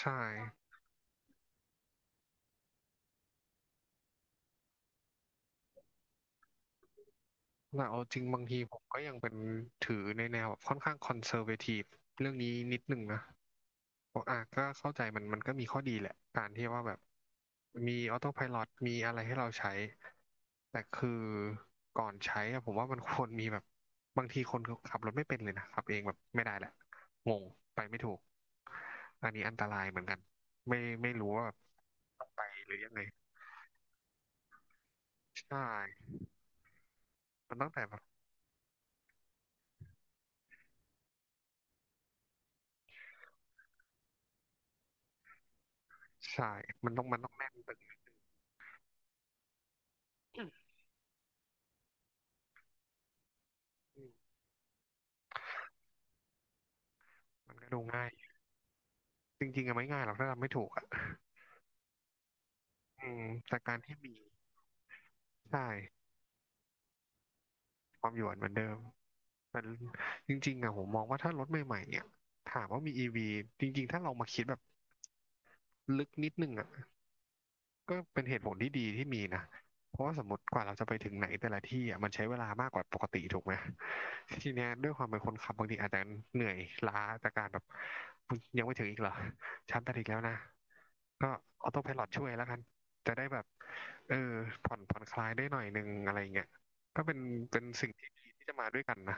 ใช่แต่เอาจริงบางทีผมก็ยังเป็นถือในแนวแบบค่อนข้างคอนเซอร์เวทีฟเรื่องนี้นิดหนึ่งนะบอกอ่ะก็เข้าใจมันก็มีข้อดีแหละการที่ว่าแบบมีออโต้ไพลอตมีอะไรให้เราใช้ แต่คือก่อนใช้อะผมว่ามันควรมีแบบบางทีคนขับรถไม่เป็นเลยนะขับเองแบบไม่ได้แหละงงไปไม่ถูกอันนี้อันตรายเหมือนกันไม่ไม่รู้ว่าแบบต้องไปหรือยังไงใช่มันตั้งแต่แบบใช่ มันต้องแน่นไป อืมมันก็ดูง่ายจริงๆอะไม่ง่ายหรอกถ้าทำไม่ถูกอะอืมแต่การที่มีใช่ความหยวนเหมือนเดิมแต่จริงๆอะผมมองว่าถ้ารถใหม่ๆเนี่ยถามว่ามีอีวีจริงๆถ้าเรามาคิดแบบลึกนิดนึงอะ ก็เป็นเหตุผลที่ดีที่มีนะ เพราะว่าสมมติกว่าเราจะไปถึงไหนแต่ละที่อ่ะมันใช้เวลามากกว่าปกติถูกไหมทีเนี้ยด้วยความเป็นคนขับบางทีอาจจะเหนื่อยล้าจากการแบบมึงยังไม่ถึงอีกเหรอฉันไปถึงแล้วนะก็ออโต้ไพลอตช่วยแล้วกันจะได้แบบเออผ่อนผ่อนคลายได้หน่อยนึงอะไรเงี้ยก็เป็นเป็นสิ่งที่ดีที่จะมาด้วยกันนะ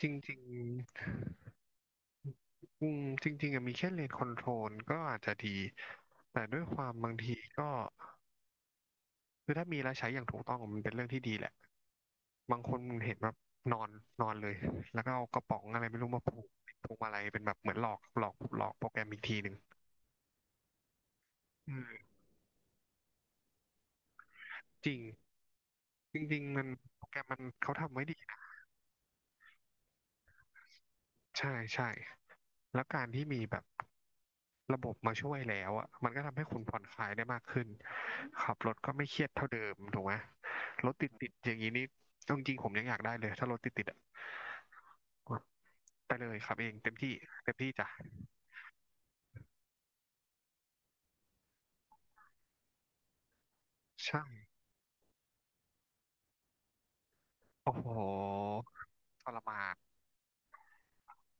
จริงๆอืมจริงๆอะมีแค่เลนคอนโทรลก็อาจจะดีแต่ด้วยความบางทีก็ คือถ้ามีแล้วใช้อย่างถูกต้องมันเป็นเรื่องที่ดีแหละบางคนเห็นแบบนอนนอนเลยแล้วก็เอากระป๋องอะไรไม่รู้มาผูกพวงมาลัยเป็นแบบเหมือนหลอกโปรแกรมอีกทีหนึ่งอืมจริงจริงๆมันโปรแกรมมันเขาทำไว้ดีนะใช่ใช่แล้วการที่มีแบบระบบมาช่วยแล้วอ่ะมันก็ทำให้คุณผ่อนคลายได้มากขึ้นขับรถก็ไม่เครียดเท่าเดิมถูกไหมรถติดติดอย่างนี้นี่เอาจริงๆผมยังอยากได้เลยถ้ารถติดติดอ่ะ ไปเลยครับเองเต็มที่เต็มที่จ้ะช่างโอ้โหทรมาน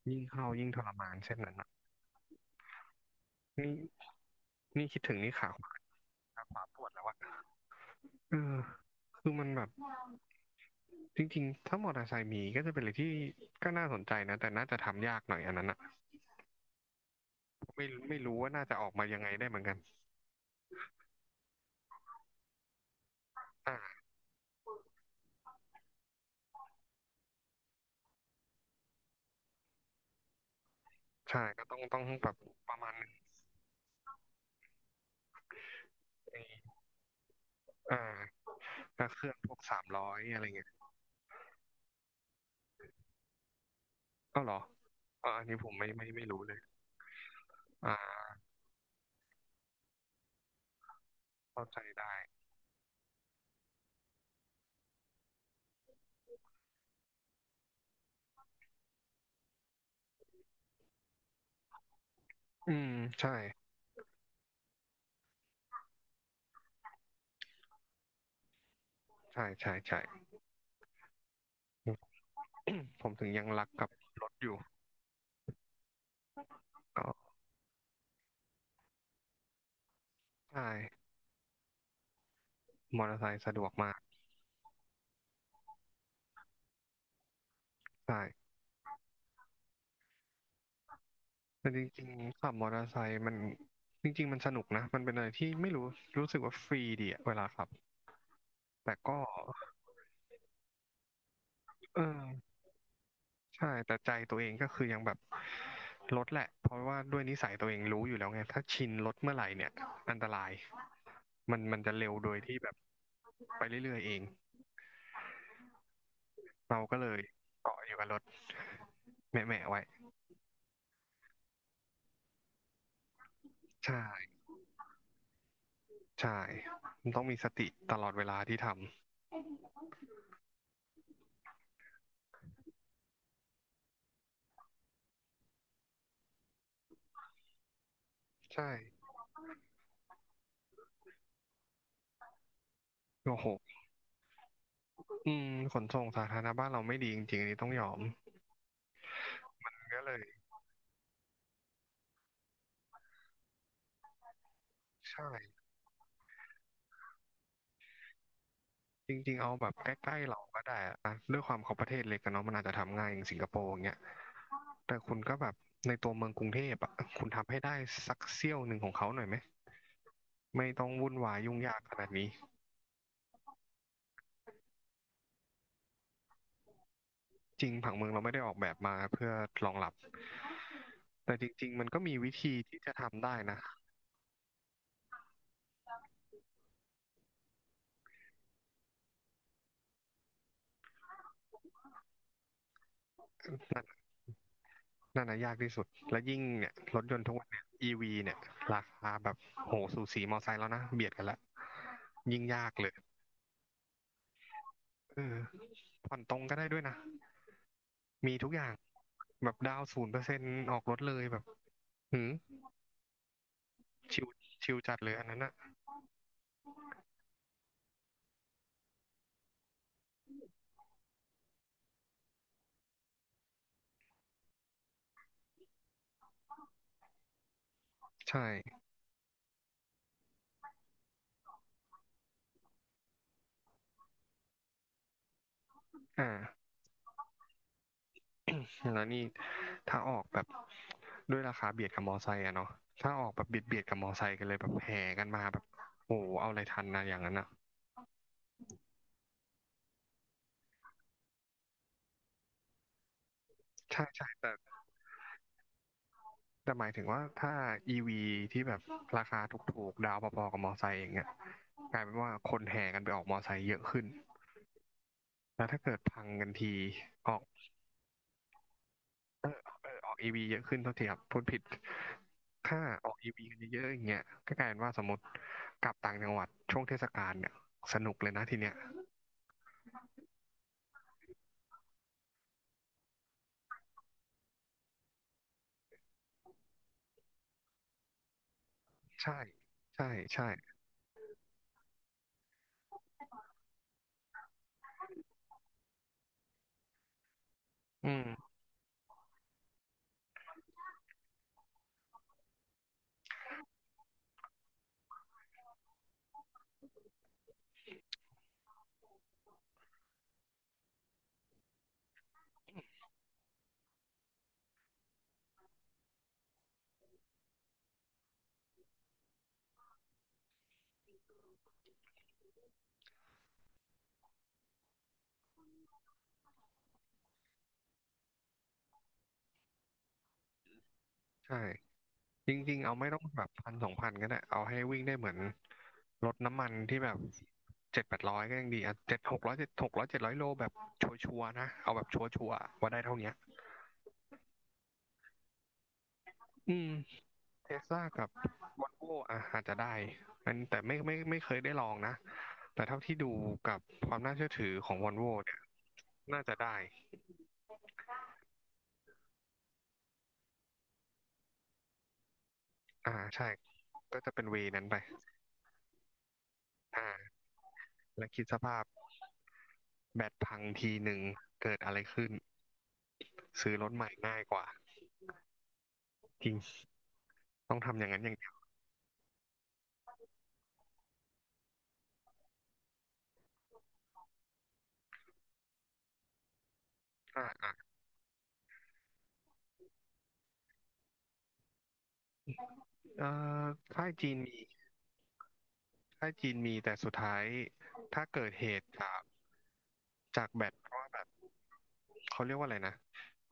ยิ่งเข้ายิ่งทรมานเช่นนั้นน่ะนี่นี่คิดถึงนี่ขาขวาปวดแล้วอะเออคือมันแบบจริงๆถ้ามอเตอร์ไซค์มีก็จะเป็นอะไรที่ก็น่าสนใจนะแต่น่าจะทำยากหน่อยอันนั้นอะไม่รู้ว่าน่าจะออกมายังไงได้เหมือนกันอ่าใช่ก็ต้องแบบประมาณหนึงไอ้อ่าถ้าเครื่องพวก300อะไรเงี้ยก็เหรออ่าอันนี้ผมไม่รู้เลยอ่าเข้าใจได้อืมใช่ ใช่ใช่ใช่ ผมถึงยังรักกับรถอยู่ก็ใช่มอเตอร์ไซค์สะดวกมากใช่แต่จริงๆขับมอเตอร์ไซค์มันจริงๆมันสนุกนะมันเป็นอะไรที่ไม่รู้รู้สึกว่าฟรีดีอะเวลาขับแต่ก็เออใช่แต่ใจตัวเองก็คือยังแบบรถแหละเพราะว่าด้วยนิสัยตัวเองรู้อยู่แล้วไงถ้าชินรถเมื่อไหร่เนี่ยอันตรายมันมันจะเร็วโดยที่แบบไปเรื่อยๆเองเราก็เลยเกาะอยู่กับรถแหมะๆไว้ใช่ ใช่ มันต้องมีสติตลอดเวลาที่ทำใช่ โอ้โหอืมขนส่งสาธารณะบ้านเราไม่ดีจริงๆอันนี้ต้องยอมก็เลยใช่จริงๆเอาแบบใกล้ๆเราก็ได้อะนะด้วยความเขาประเทศเล็กกันเนาะมันอาจจะทำง่ายอย่างสิงคโปร์อย่างเงี้ยแต่คุณก็แบบในตัวเมืองกรุงเทพอ่ะคุณทำให้ได้สักเสี้ยวหนึ่งของเขาหน่อยไหมไม่ต้องวุ่นวายยุ่งยากขนาดนี้จริงผังเมืองเราไม่ได้ออกแบบมาเพื่อรองรับแต่จริงๆมันก็มีวิธีที่จะทำได้นะ นั่นนะยากที่สุดแล้วยิ่งเนี่ยรถยนต์ทุกวันเนี่ย EV เนี่ยราคาแบบโหสูสีมอไซค์แล้วนะเบียดกันละยิ่งยากเลยเออผ่อนตรงก็ได้ด้วยนะมีทุกอย่างแบบดาว0%ออกรถเลยแบบหืมชิวชิวจัดเลยอันนั้นอะใช่อ่าแล้วนี่ถ้าออกแบบด้วยราคาเบียดกับมอไซค์อะเนาะถ้าออกแบบเบียดกับมอไซค์กันเลยแบบแห่กันมาแบบโอ้โหเอาอะไรทันนะอย่างนั้นอะใช่ใช่แต่หมายถึงว่าถ้า EV ที่แบบราคาถูกๆดาวพอๆกับมอไซค์อย่างเงี้ยกลายเป็นว่าคนแห่กันไปออกมอไซค์เยอะขึ้นแล้วถ้าเกิดพังกันทีออกเออเออออก EV เยอะขึ้นเท่าทีครับพูดผิดถ้าออก EV กันเยอะๆอย่างเงี้ยก็กลายเป็นว่าสมมติกลับต่างจังหวัดช่วงเทศกาลเนี่ยสนุกเลยนะทีเนี้ยใช่ใช่ใช่อืมใช่ จริงๆเอาไม่ต้องแบบพันสองพันก็ได้เอาให้วิ่งได้เหมือนรถน้ำมันที่แบบเจ็ดแปดร้อยก็ยังดีอ่ะเจ็ดหกร้อยเจ็ดหกร้อยเจ็ดร้อยโลแบบชัวร์ๆนะ เอาแบบชัวร์ๆว่าได้เท่าเนี้ยอืมเทสลากับวอลโวอ่ะอาจจะได้อันแต่ไม่เคยได้ลองนะ แต่เท่าที่ดูกับความน่าเชื่อถือของวอลโวเนี่ยน่าจะได้ อ่าใช่ ก็จะเป็นเวย์นั้นไปอ่าแล้วคิดสภาพแบตพังทีหนึ่งเกิดอะไรขึ้นซื้อรถใหม่ง่ายกว่าจริง ต้องทำอย่างนั้นอย่างนี้อ่าอ่าเอ่อค่ายจีนมีค่ายจีนมีแต่สุดท้ายถ้าเกิดเหตุจากจากแบบเพราะว่าแบบเขาเรียกว่าอะไรนะ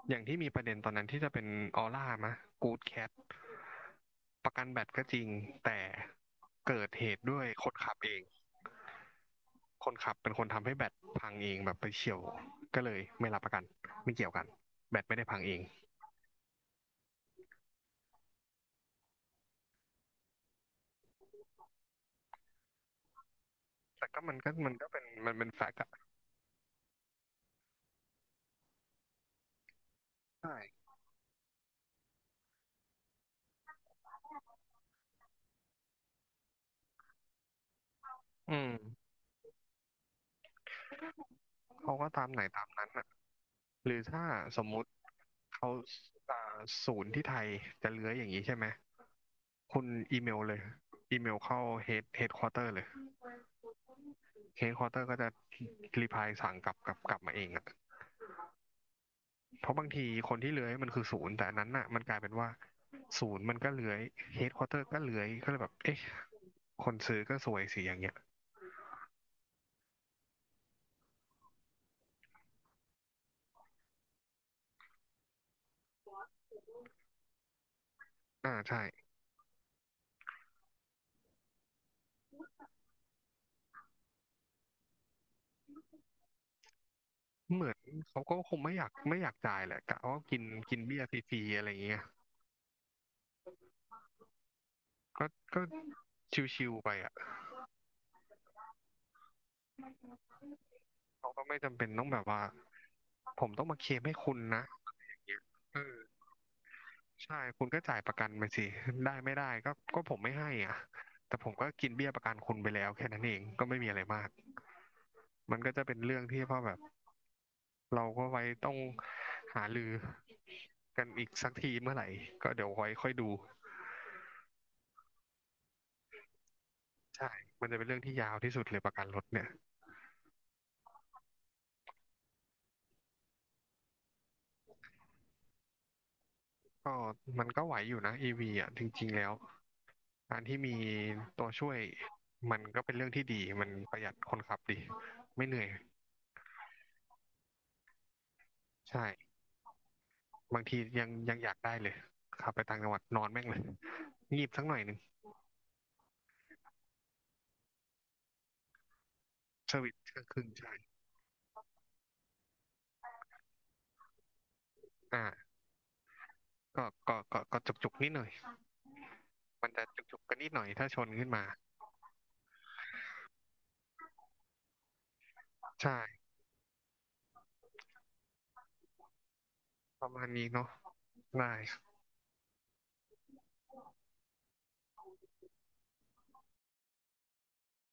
อย่างที่มีประเด็นตอนนั้นที่จะเป็นออร่ามะกู๊ดแคทประกันแบตก็จริงแต่เกิดเหตุด้วยคนขับเองคนขับเป็นคนทำให้แบตพังเองแบบไปเฉี่ยวก็เลยไม่รับประกันไม่เกี่ยวกันแบตไม่ได้พังเองแต่ก็มันก็เป็นมันเป็นแฟกต์อะใช่อืม เขาก็ตามไหนตามนั้นอ่ะหรือถ้าสมมุติเขาอ่าศูนย์ที่ไทยจะเลื้อยอย่างนี้ใช่ไหมคุณอีเมลเลยอีเมลเข้าเฮดควอเตอร์เลยเฮดควอเตอร์ก็จะรีพายสั่งกลับมาเองอ่ะเพราะบางทีคนที่เลื้อยมันคือศูนย์แต่อันนั้นอ่ะมันกลายเป็นว่าศูนย์มันก็เลื้อยเฮดควอเตอร์ก็เลื้อยก็เลยแบบเอ๊ะคนซื้อก็สวยสิอย่างเงี้ยอ่าใช่เหมือนเขาก็คงไม่อยากจ่ายแหละกะว่ากินกินเบี้ยฟรีๆอะไรอย่างเงี้ย ก็ก็ชิวๆไปอ่ะเขาก็ไม่จำเป็นต้องแบบว่าผมต้องมาเคลมให้คุณนะอย่างเงี้ยเออใช่คุณก็จ่ายประกันไปสิได้ไม่ได้ก็ผมไม่ให้อ่ะแต่ผมก็กินเบี้ยประกันคุณไปแล้วแค่นั้นเองก็ไม่มีอะไรมากมันก็จะเป็นเรื่องที่พ่อแบบเราก็ไว้ต้องหารือกันอีกสักทีเมื่อไหร่ก็เดี๋ยวไว้ค่อยดูใช่มันจะเป็นเรื่องที่ยาวที่สุดเลยประกันรถเนี่ยก็มันก็ไหวอยู่นะอีวีอ่ะจริงๆแล้ว การที่มีตัวช่วยมันก็เป็นเรื่องที่ดีมันประหยัดคนขับดีไม่เหนื่อยใช่บางทียังอยากได้เลยขับไปต่างจังหวัดนอนแม่งเลย งีบสักหน่อยหนึ่งเซอร์วิสก็ครึ่งใช่อ่าก็จุกจุกนิดหน่อยมันจะจุกจุกกันนิดหน่อยถ้าชนขึ้นมาใช่ประมาณนี้เนาะได้